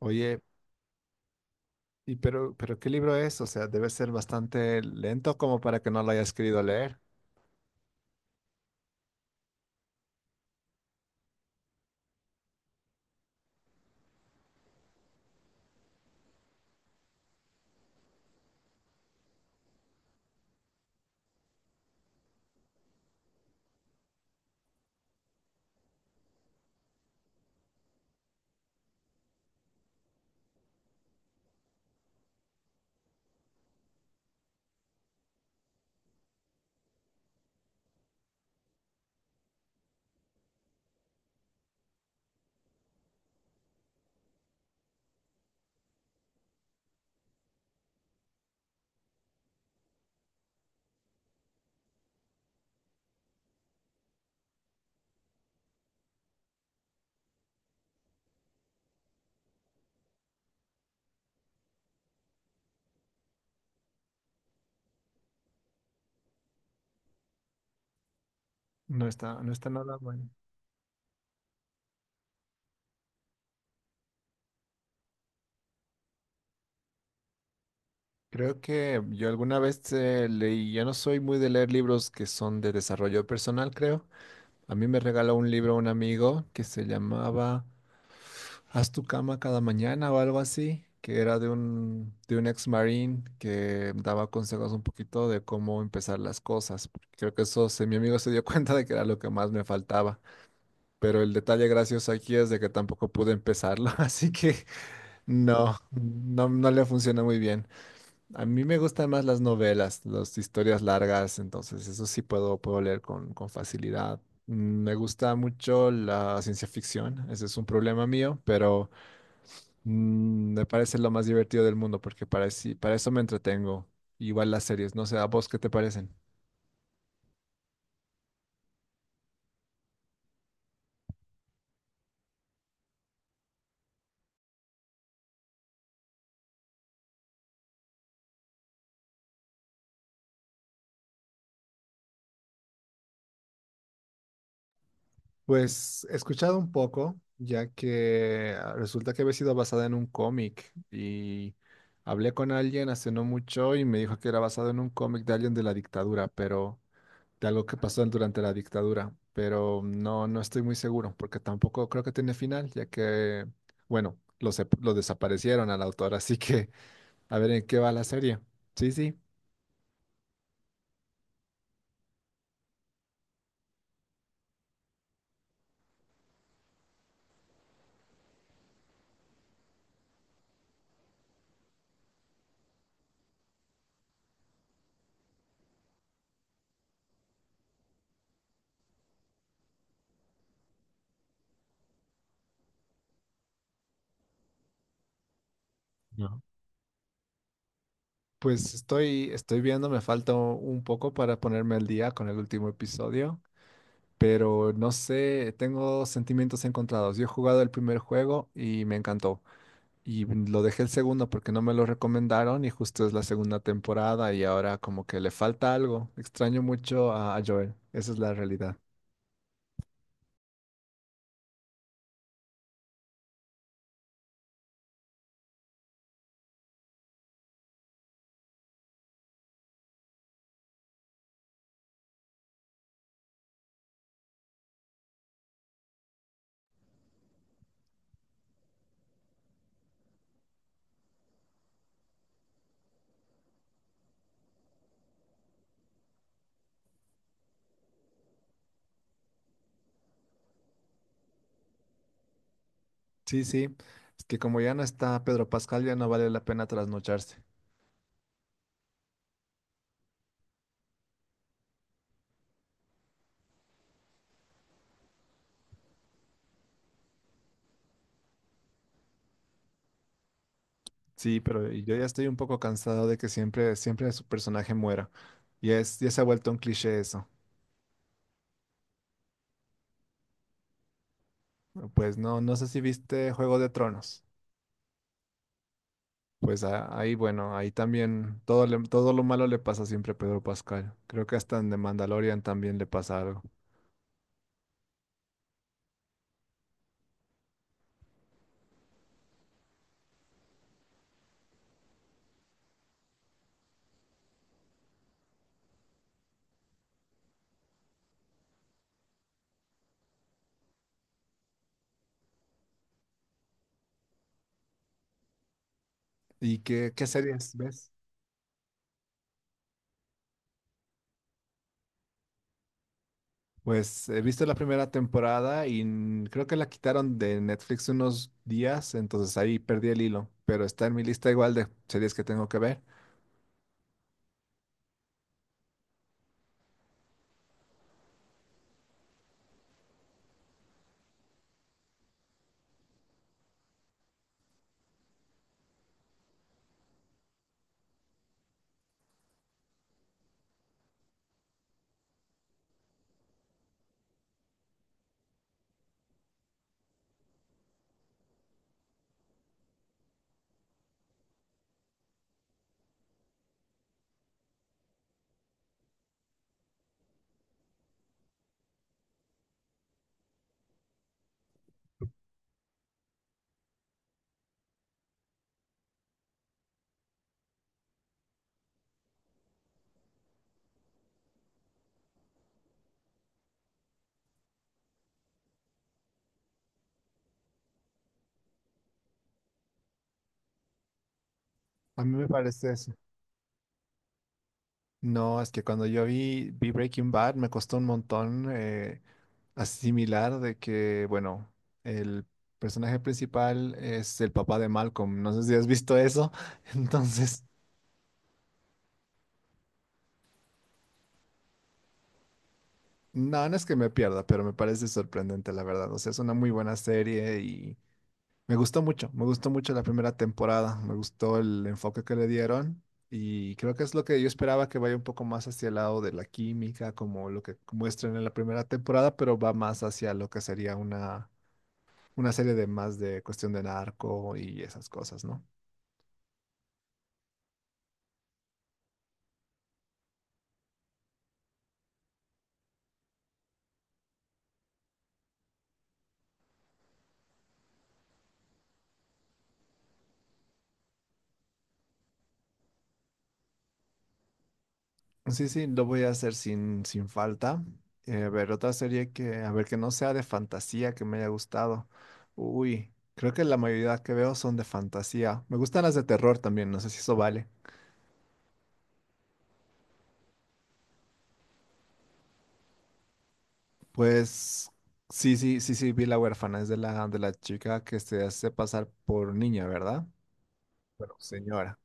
Oye, pero ¿qué libro es? O sea, debe ser bastante lento como para que no lo hayas querido leer. No está nada bueno. Creo que yo alguna vez leí, yo no soy muy de leer libros que son de desarrollo personal, creo. A mí me regaló un libro un amigo que se llamaba Haz tu cama cada mañana o algo así, que era de un ex marine que daba consejos un poquito de cómo empezar las cosas. Creo que eso, mi amigo se dio cuenta de que era lo que más me faltaba. Pero el detalle gracioso aquí es de que tampoco pude empezarlo, así que no le funciona muy bien. A mí me gustan más las novelas, las historias largas, entonces eso sí puedo leer con facilidad. Me gusta mucho la ciencia ficción, ese es un problema mío, pero me parece lo más divertido del mundo porque para, para eso me entretengo. Igual las series, no sé, ¿a vos qué te parecen? Pues he escuchado un poco, ya que resulta que había sido basada en un cómic y hablé con alguien hace no mucho y me dijo que era basado en un cómic de alguien de la dictadura, pero de algo que pasó durante la dictadura, pero no, no estoy muy seguro porque tampoco creo que tiene final, ya que, bueno, lo desaparecieron al autor, así que a ver en qué va la serie. Sí, sí. No. Pues estoy, estoy viendo, me falta un poco para ponerme al día con el último episodio. Pero no sé, tengo sentimientos encontrados. Yo he jugado el primer juego y me encantó. Y lo dejé el segundo porque no me lo recomendaron y justo es la segunda temporada y ahora como que le falta algo. Extraño mucho a Joel, esa es la realidad. Sí, sí, es que como ya no está Pedro Pascal, ya no vale la pena trasnocharse. Sí, pero yo ya estoy un poco cansado de que siempre, siempre su personaje muera. Y es, ya se ha vuelto un cliché eso. Pues no, no sé si viste Juego de Tronos. Pues ahí, bueno, ahí también todo, todo lo malo le pasa siempre a Pedro Pascal. Creo que hasta en The Mandalorian también le pasa algo. ¿Y qué, qué series ves? Pues he visto la primera temporada y creo que la quitaron de Netflix unos días, entonces ahí perdí el hilo, pero está en mi lista igual de series que tengo que ver. A mí me parece eso. No, es que cuando yo vi Breaking Bad me costó un montón. Asimilar de que, bueno, el personaje principal es el papá de Malcolm. No sé si has visto eso. Entonces, no, no es que me pierda, pero me parece sorprendente, la verdad. O sea, es una muy buena serie y me gustó mucho. Me gustó mucho la primera temporada. Me gustó el enfoque que le dieron. Y creo que es lo que yo esperaba que vaya un poco más hacia el lado de la química, como lo que muestran en la primera temporada, pero va más hacia lo que sería una serie de más de cuestión de narco y esas cosas, ¿no? Sí, sí, lo voy a hacer sin falta. A ver, otra serie que, a ver, que no sea de fantasía, que me haya gustado. Uy, creo que la mayoría que veo son de fantasía. Me gustan las de terror también, no sé si eso vale. Pues sí, sí, sí, sí, vi La huérfana, es de de la chica que se hace pasar por niña, ¿verdad? Bueno, señora.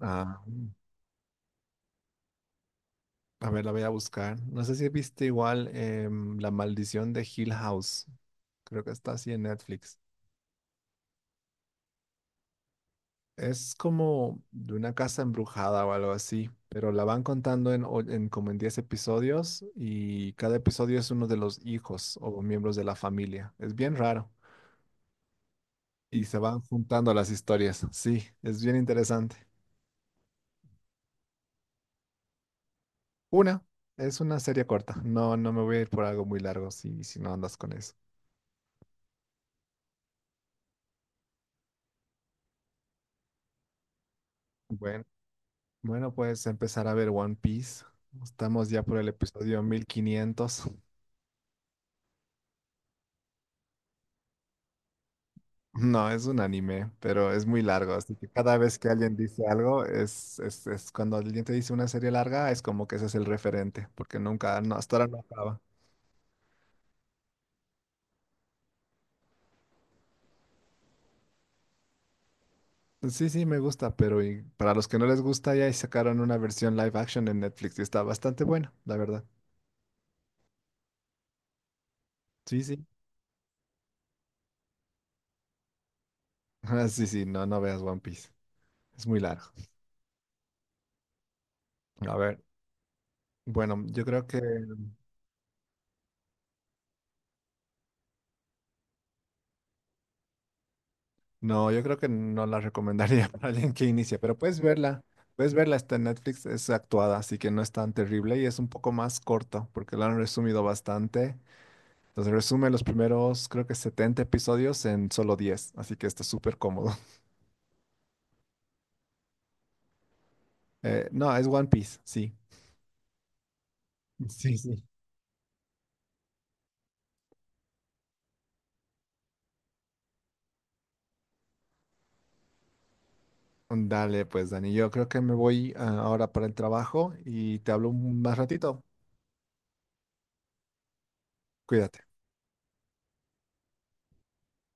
Ah, a ver, la voy a buscar. No sé si viste igual La maldición de Hill House. Creo que está así en Netflix. Es como de una casa embrujada o algo así, pero la van contando en como en 10 episodios y cada episodio es uno de los hijos o miembros de la familia. Es bien raro y se van juntando las historias. Sí, es bien interesante. Una, es una serie corta. No, no me voy a ir por algo muy largo si, si no andas con eso. Bueno, bueno, puedes empezar a ver One Piece. Estamos ya por el episodio 1500. No, es un anime, pero es muy largo, así que cada vez que alguien dice algo, es cuando alguien te dice una serie larga, es como que ese es el referente, porque nunca, no, hasta ahora no acaba. Sí, sí, me gusta, pero y para los que no les gusta, ya sacaron una versión live action en Netflix y está bastante buena, la verdad. Sí, sí. Ah, sí, sí, no, no veas One Piece, es muy largo. A ver, bueno, yo creo que no, yo creo que no la recomendaría para alguien que inicia, pero puedes verla. Puedes verla, está en Netflix, es actuada, así que no es tan terrible y es un poco más corto porque lo han resumido bastante. Entonces resume los primeros, creo que 70 episodios en solo 10, así que está súper cómodo. No, es One Piece, sí. Sí, sí. Dale, pues Dani, yo creo que me voy ahora para el trabajo y te hablo más ratito. Cuídate.